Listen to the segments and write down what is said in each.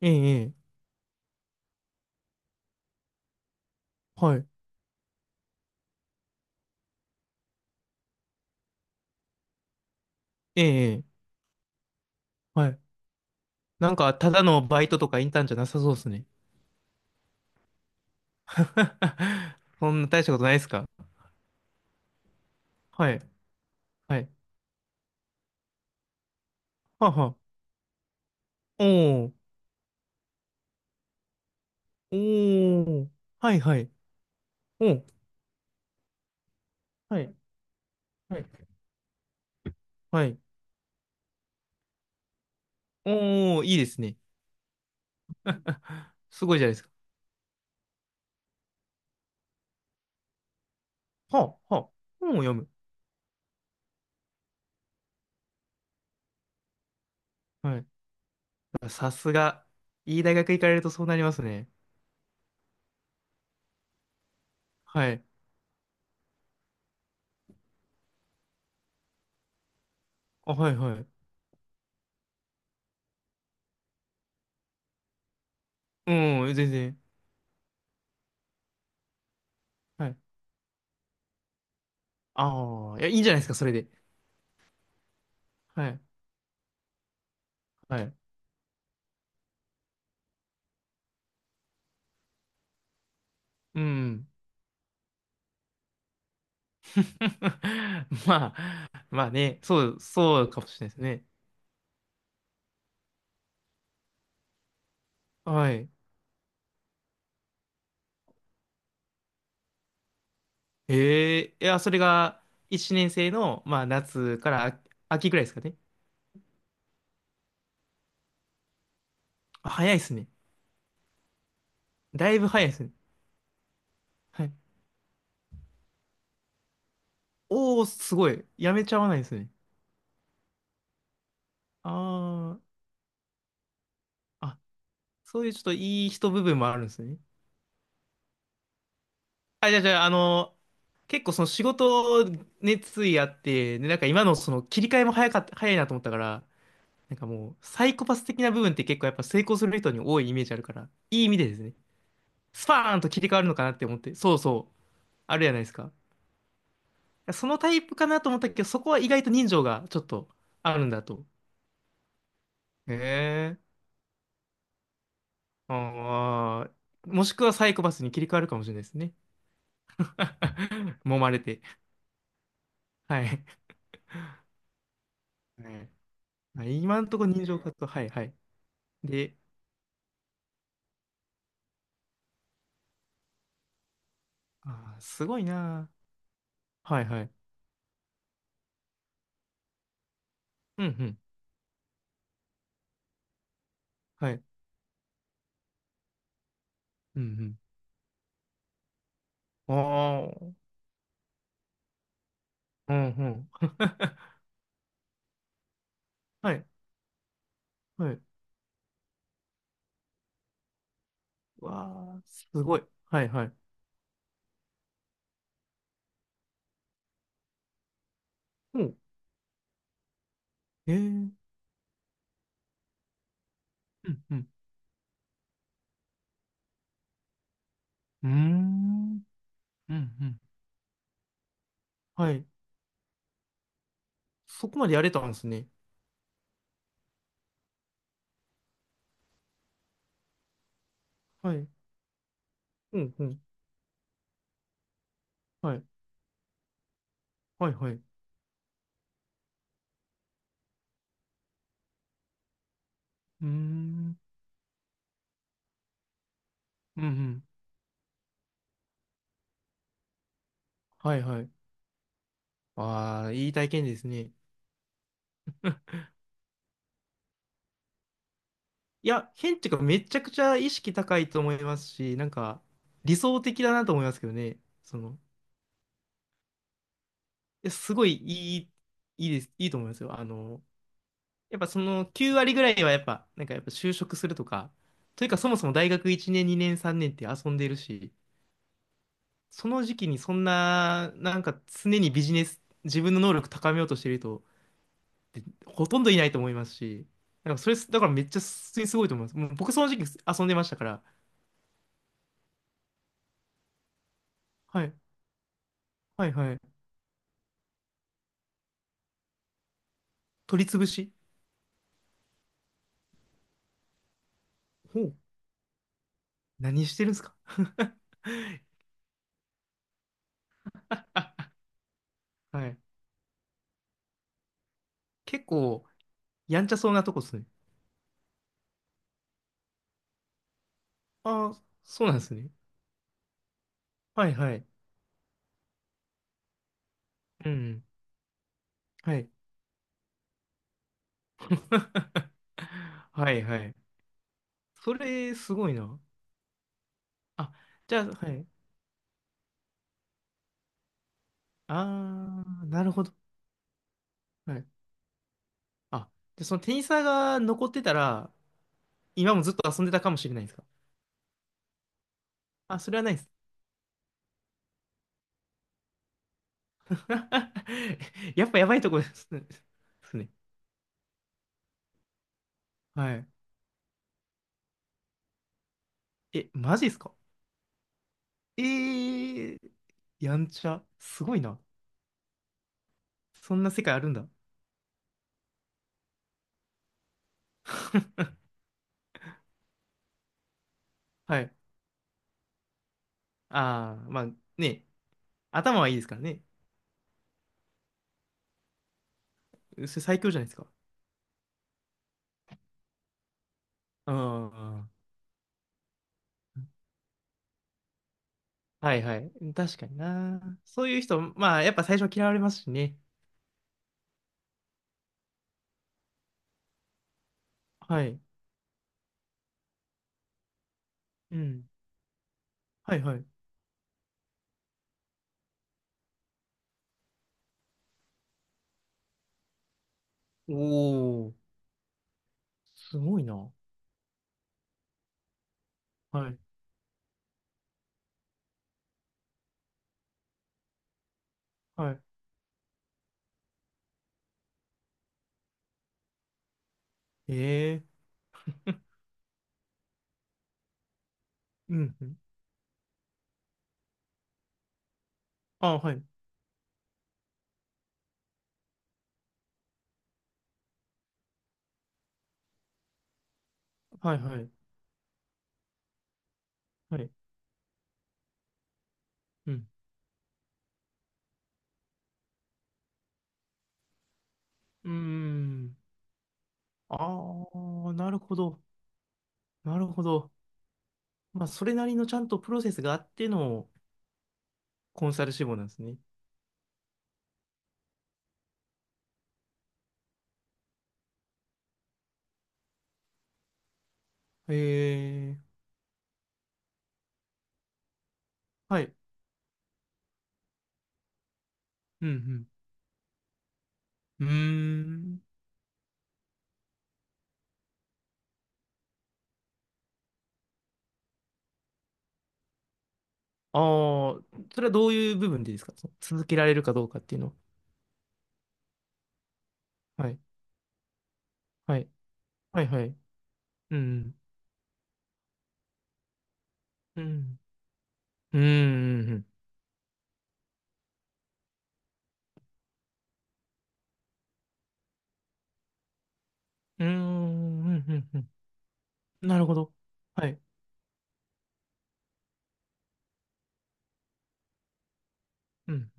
ええ、ええ、はい。ええ、ええはい。なんか、ただのバイトとかインターンじゃなさそうですね。そんな大したことないですか？はい、はい。はあはあ。おー、おー、はい、はい。おー、はい、はい、はい。おー、いいですね。すごいじゃないですか。はあ、はあ、本を読む。はい。さすが、いい大学行かれるとそうなりますね。はい。あ、はい、はい。うん、全然。はい。ああ、いや、いいんじゃないですか、それで。はい、はい。うん。まあ、まあね、そう、そうかもしれないですね。はい。ええいや、それが1年生の、まあ、夏から秋ぐらいですかね。あ早いですね。だいぶ早いですね。はい。おー、すごい。やめちゃわないですね。ああ、あ、そういうちょっといい人部分もあるんですね。あ、じゃあ、じゃあ、あの、結構その仕事熱意あって、で、なんか今のその切り替えも早かった、早いなと思ったから、なんかもう、サイコパス的な部分って結構やっぱ成功する人に多いイメージあるから、いい意味でですね、スパーンと切り替わるのかなって思って、そうそう、あるじゃないですか。そのタイプかなと思ったけど、そこは意外と人情がちょっとあるんだと。へえ、ああ、もしくはサイコパスに切り替わるかもしれないですね。揉まれて。はい。ねまあ今んところ人情か活動、はいはい。で、あー、すごいなー。はいはい。うんうん。はい。うんうん。ああ、うんうん。はい。はい。わあ、すごい。はいはい。うん。ええー。うんうん。うーん。うんうん。はい。そこまでやれたんですね。はい。うんうん。はい。はいはい。うーん。うんうん。はいはい。ああ、いい体験ですね。いや、変っていうか、めちゃくちゃ意識高いと思いますし、なんか、理想的だなと思いますけどね。その、え、すごいいい、いいです、いいと思いますよ。あの、やっぱその9割ぐらいはやっぱ、なんかやっぱ就職するとか、というかそもそも大学1年、2年、3年って遊んでるし、その時期にそんな、なんか常にビジネス、自分の能力高めようとしてる人ってほとんどいないと思いますし、なんかそれ、だからめっちゃ普通にすごいと思います。もう僕その時期遊んでましたから、はい、はい、はい。取り潰し。ほう、何してるんですか？ はい。結構、やんちゃそうなとこっすね。ああ、そうなんですね。はい、はい。うん、はい。はいはい。それ、すごいな。あ、じゃあ、はい。あー、なるほど。はい。あ、じゃあそのテニサーが残ってたら、今もずっと遊んでたかもしれないですか？あ、それはないです。やっぱやばいとこですね。ですねはい。え、マジですか？えー、やんちゃ。すごいな。そんな世界あるんだ。はい。あー、まあね、頭はいいですからね。それ最強じゃないですか。うん。はいはい。確かにな。そういう人、まあ、やっぱ最初嫌われますしね。はい。うん。はいはい。おお、すごいな。はい。はい。ええうん。うんあ、はい。はいはい。はい。うん。うーん。ああ、なるほど。なるほど。まあ、それなりのちゃんとプロセスがあってのコンサル志望なんですね。ええはい。うん。うん。うーん。ああ、それはどういう部分でですかその続けられるかどうかっていうのは。はいはい。はいはい。うん。うん。うん。うん。うん。うんうんうんなるほど。はい。うん。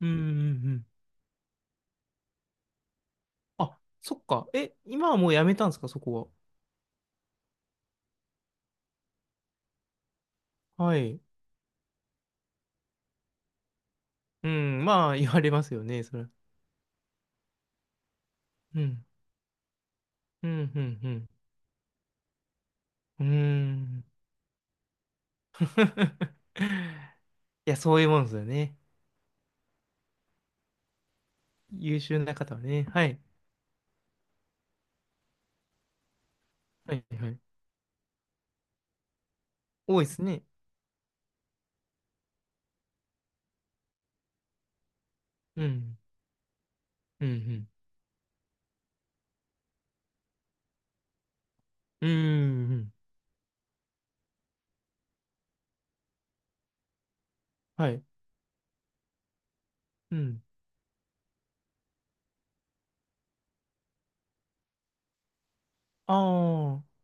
うん。うんうんあ、そっか。え、今はもうやめたんですか、そこは。はい。うん。まあ、言われますよね、それ。うん。うん。うん。うん。うん いや、そういうもんですよね。優秀な方はね。はい。はい。はい。多いですね。うん。うん。うん。うん。うんはい。うん。ああ。